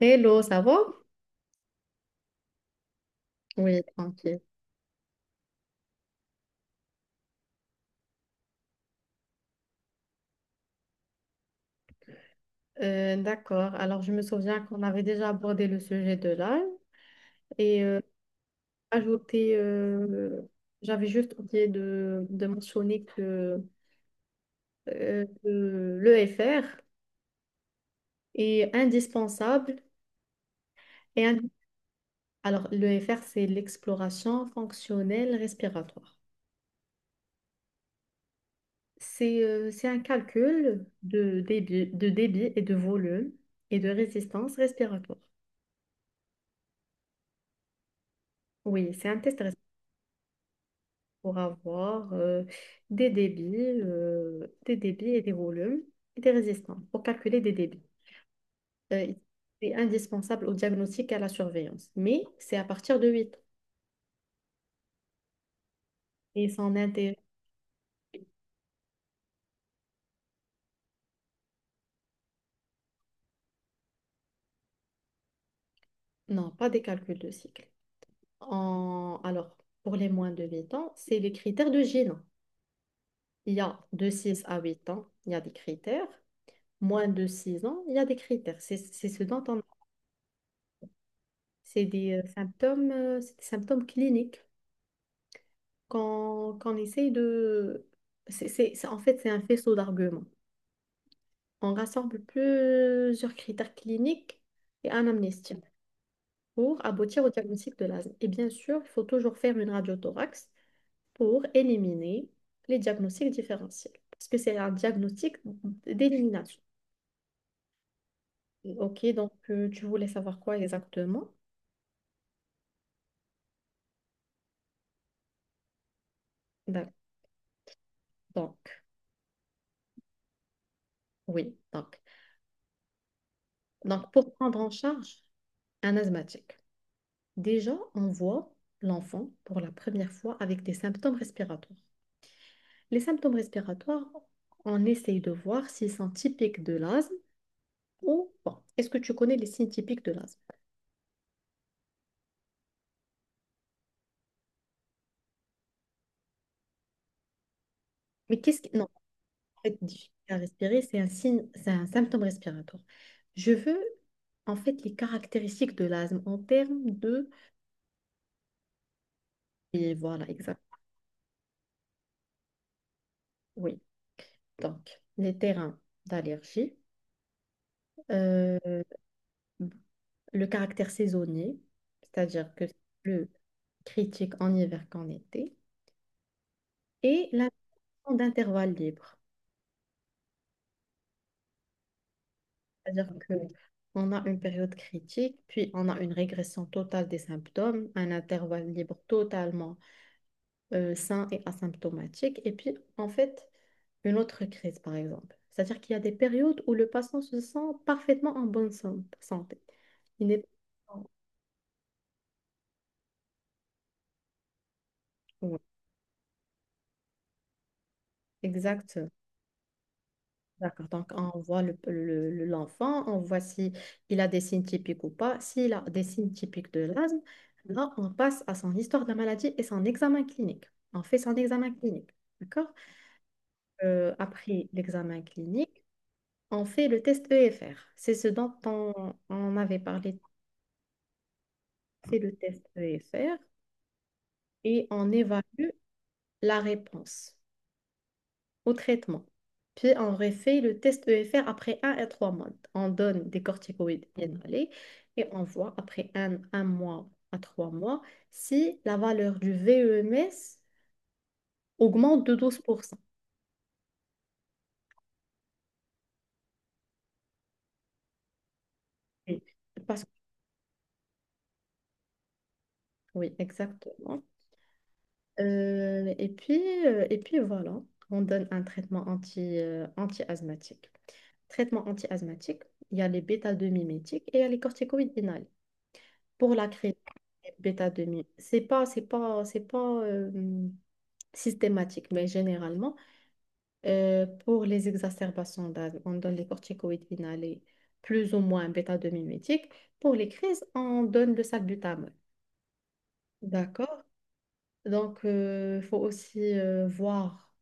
Hello, ça va? Oui, tranquille. D'accord. Alors, je me souviens qu'on avait déjà abordé le sujet de l'âge et ajouté, j'avais juste oublié de mentionner que l'EFR est indispensable. Et indi- Alors, l'EFR, c'est l'exploration fonctionnelle respiratoire. C'est un calcul de débit et de volume et de résistance respiratoire. Oui, c'est un test pour avoir des débits, des débits et des volumes et des résistances pour calculer des débits. Euh, c'est indispensable au diagnostic et à la surveillance, mais c'est à partir de 8 et s'en intéresse. Non, pas des calculs de cycle. Alors, pour les moins de 8 ans, c'est les critères de GINA. Il y a de 6 à 8 ans, il y a des critères. Moins de 6 ans, il y a des critères. C'est ce dont on... C'est des symptômes cliniques qu'on essaye de... En fait, c'est un faisceau d'arguments. On rassemble plusieurs critères cliniques et un amnistie pour aboutir au diagnostic de l'asthme. Et bien sûr, il faut toujours faire une radiothorax pour éliminer les diagnostics différentiels, parce que c'est un diagnostic d'élimination. OK, donc tu voulais savoir quoi exactement? D'ac- Donc, oui, donc pour prendre en charge un asthmatique. Déjà, on voit l'enfant pour la première fois avec des symptômes respiratoires. Les symptômes respiratoires, on essaye de voir s'ils sont typiques de l'asthme ou pas. Est-ce que tu connais les signes typiques de l'asthme? Non, en fait, difficulté à respirer, c'est un signe, c'est un symptôme respiratoire. Je veux, en fait, les caractéristiques de l'asthme en termes de... Et voilà, exact. Oui. Donc, les terrains d'allergie. euh, le caractère saisonnier, c'est-à-dire que c'est plus critique en hiver qu'en été, et la notion d'intervalle libre, c'est-à-dire que on a une période critique, puis on a une régression totale des symptômes, un intervalle libre totalement sain et asymptomatique, et puis en fait une autre crise par exemple. C'est-à-dire qu'il y a des périodes où le patient se sent parfaitement en bonne santé. Il n'est pas... Oui, exact. D'accord, donc on voit l'enfant, on voit si il a des signes typiques ou pas. S'il a des signes typiques de l'asthme, là, on passe à son histoire de la maladie et son examen clinique. On fait son examen clinique, d'accord? Après l'examen clinique, on fait le test EFR. C'est ce dont on avait parlé, c'est le test EFR et on évalue la réponse au traitement. Puis on refait le test EFR après 1 à 3 mois. On donne des corticoïdes inhalés et on voit après un mois à 3 mois si la valeur du VEMS augmente de 12%. Oui. Parce que, oui, exactement. Euh, et puis, et puis voilà, on donne un traitement anti, anti-asthmatique. Traitement anti-asthmatique, il y a les bêta-2-mimétiques et il y a les corticoïdes inhalés. Pour la créer bêta 2000. C'est pas systématique, mais généralement, pour les exacerbations d'asthme, on donne les corticoïdes inhalés, plus ou moins bêta 2 mimétiques. Pour les crises, on donne le salbutamol. D'accord? Donc, il faut aussi voir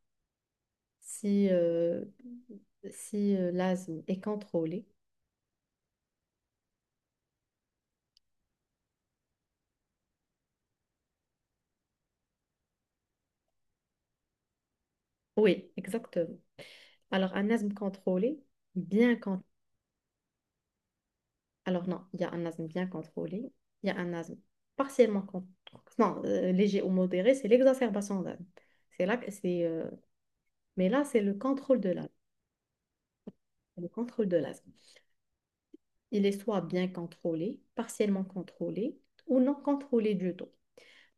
si, si l'asthme est contrôlé. Oui, exactement. Alors, un asthme contrôlé, bien contrôlé. Alors non, il y a un asthme bien contrôlé, il y a un asthme partiellement con- non, léger ou modéré, c'est l'exacerbation d'asthme. C'est là que c'est mais là c'est le contrôle de l'asthme. Le contrôle de l'asthme. Il est soit bien contrôlé, partiellement contrôlé ou non contrôlé du tout.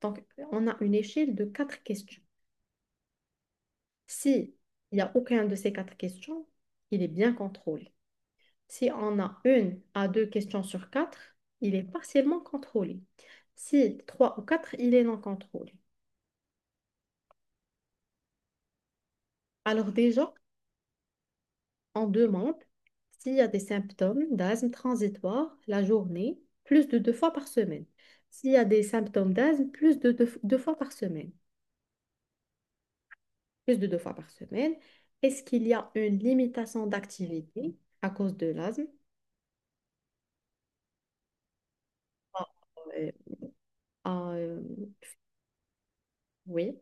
Donc on a une échelle de quatre questions. Si il n'y a aucun de ces quatre questions, il est bien contrôlé. Si on a une à deux questions sur quatre, il est partiellement contrôlé. Si trois ou quatre, il est non contrôlé. Alors déjà, on demande s'il y a des symptômes d'asthme transitoire la journée, plus de deux fois par semaine. S'il y a des symptômes d'asthme, plus de deux fois par semaine. Plus de deux fois par semaine. Est-ce qu'il y a une limitation d'activité à cause de l'asthme? Ah, euh, ah, oui.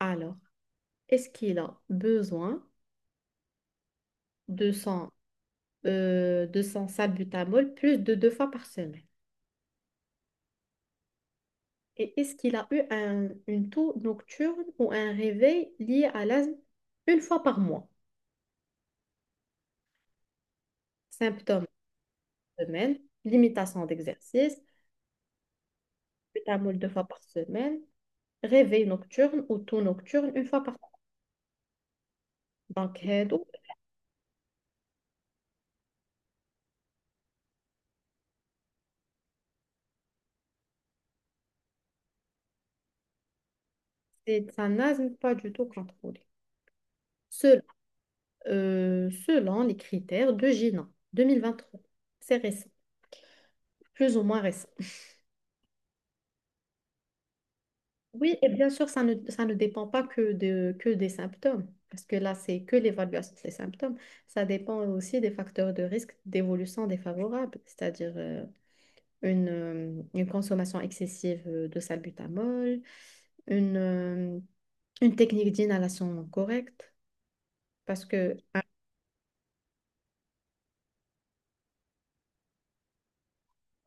Alors, est-ce qu'il a besoin de son, de son salbutamol plus de deux fois par semaine? Et est-ce qu'il a eu une toux nocturne ou un réveil lié à l'asthme une fois par mois? Symptômes par semaine, limitation d'exercice, pétamol deux fois par semaine, réveil nocturne ou toux nocturne une fois par mois. Donc, هادو, c'est un asthme pas du tout contrôlé. Selon, selon les critères de GINA 2023. C'est récent, plus ou moins récent. Oui, et bien sûr, ça ne dépend pas que, de, que des symptômes, parce que là, c'est que l'évaluation des symptômes. Ça dépend aussi des facteurs de risque d'évolution défavorable, c'est-à-dire une consommation excessive de salbutamol, une, euh, une technique d'inhalation correcte, parce que alors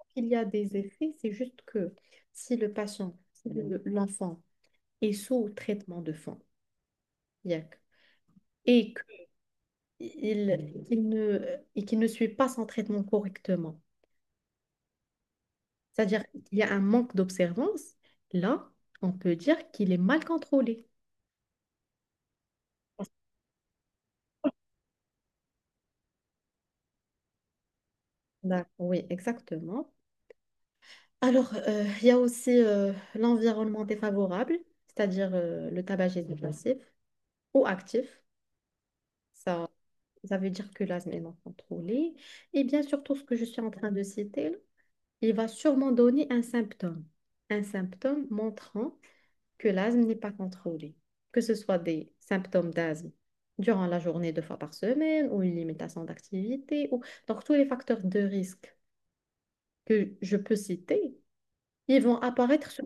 qu'il y a des effets, c'est juste que si le patient, si le- l'enfant est sous traitement de fond, IAC, et il, il ne, qu'il ne suit pas son traitement correctement. C'est-à-dire qu'il y a un manque d'observance, là, on peut dire qu'il est mal contrôlé. Oui, exactement. Alors, il y a aussi l'environnement défavorable, c'est-à-dire le tabagisme passif ou actif. Ça, ça veut dire que l'asthme est non contrôlé. Et bien sûr, tout ce que je suis en train de citer, là, il va sûrement donner un symptôme. Un symptôme montrant que l'asthme n'est pas contrôlé, que ce soit des symptômes d'asthme durant la journée deux fois par semaine ou une limitation d'activité, ou... donc tous les facteurs de risque que je peux citer, ils vont apparaître sur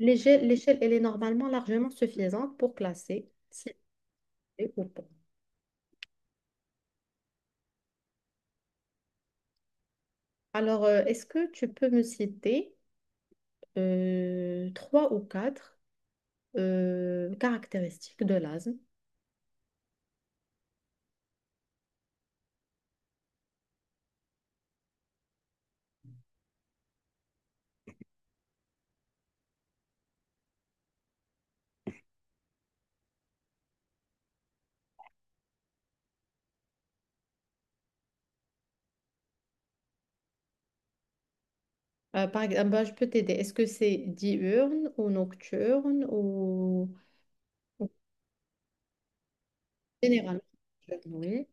l'échelle, elle est normalement largement suffisante pour classer si c'est ou pas. Alors, est-ce que tu peux me citer trois ou quatre caractéristiques de l'asthme? Par exemple, bah, je peux t'aider. Est-ce que c'est diurne ou nocturne? Ou Généralement, oui.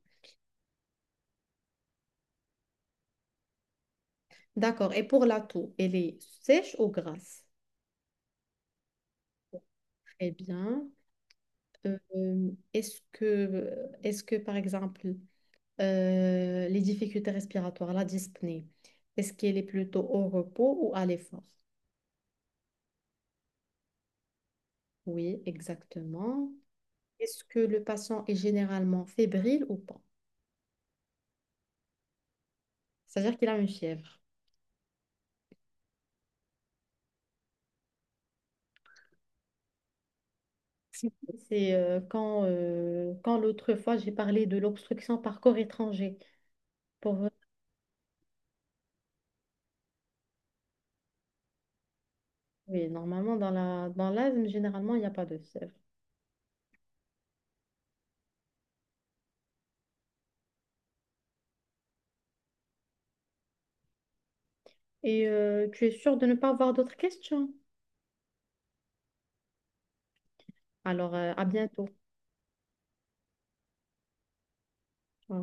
D'accord. Et pour la toux, elle est sèche ou grasse? Très bien. Est-ce que, par exemple, les difficultés respiratoires, la dyspnée, est-ce qu'elle est plutôt au repos ou à l'effort? Oui, exactement. Est-ce que le patient est généralement fébrile ou pas? C'est-à-dire qu'il a une fièvre. C'est quand, quand l'autre fois, j'ai parlé de l'obstruction par corps étranger. Pour Oui, normalement, dans dans l'asthme, généralement, il n'y a pas de fièvre. Et tu es sûr de ne pas avoir d'autres questions? Alors, à bientôt. Au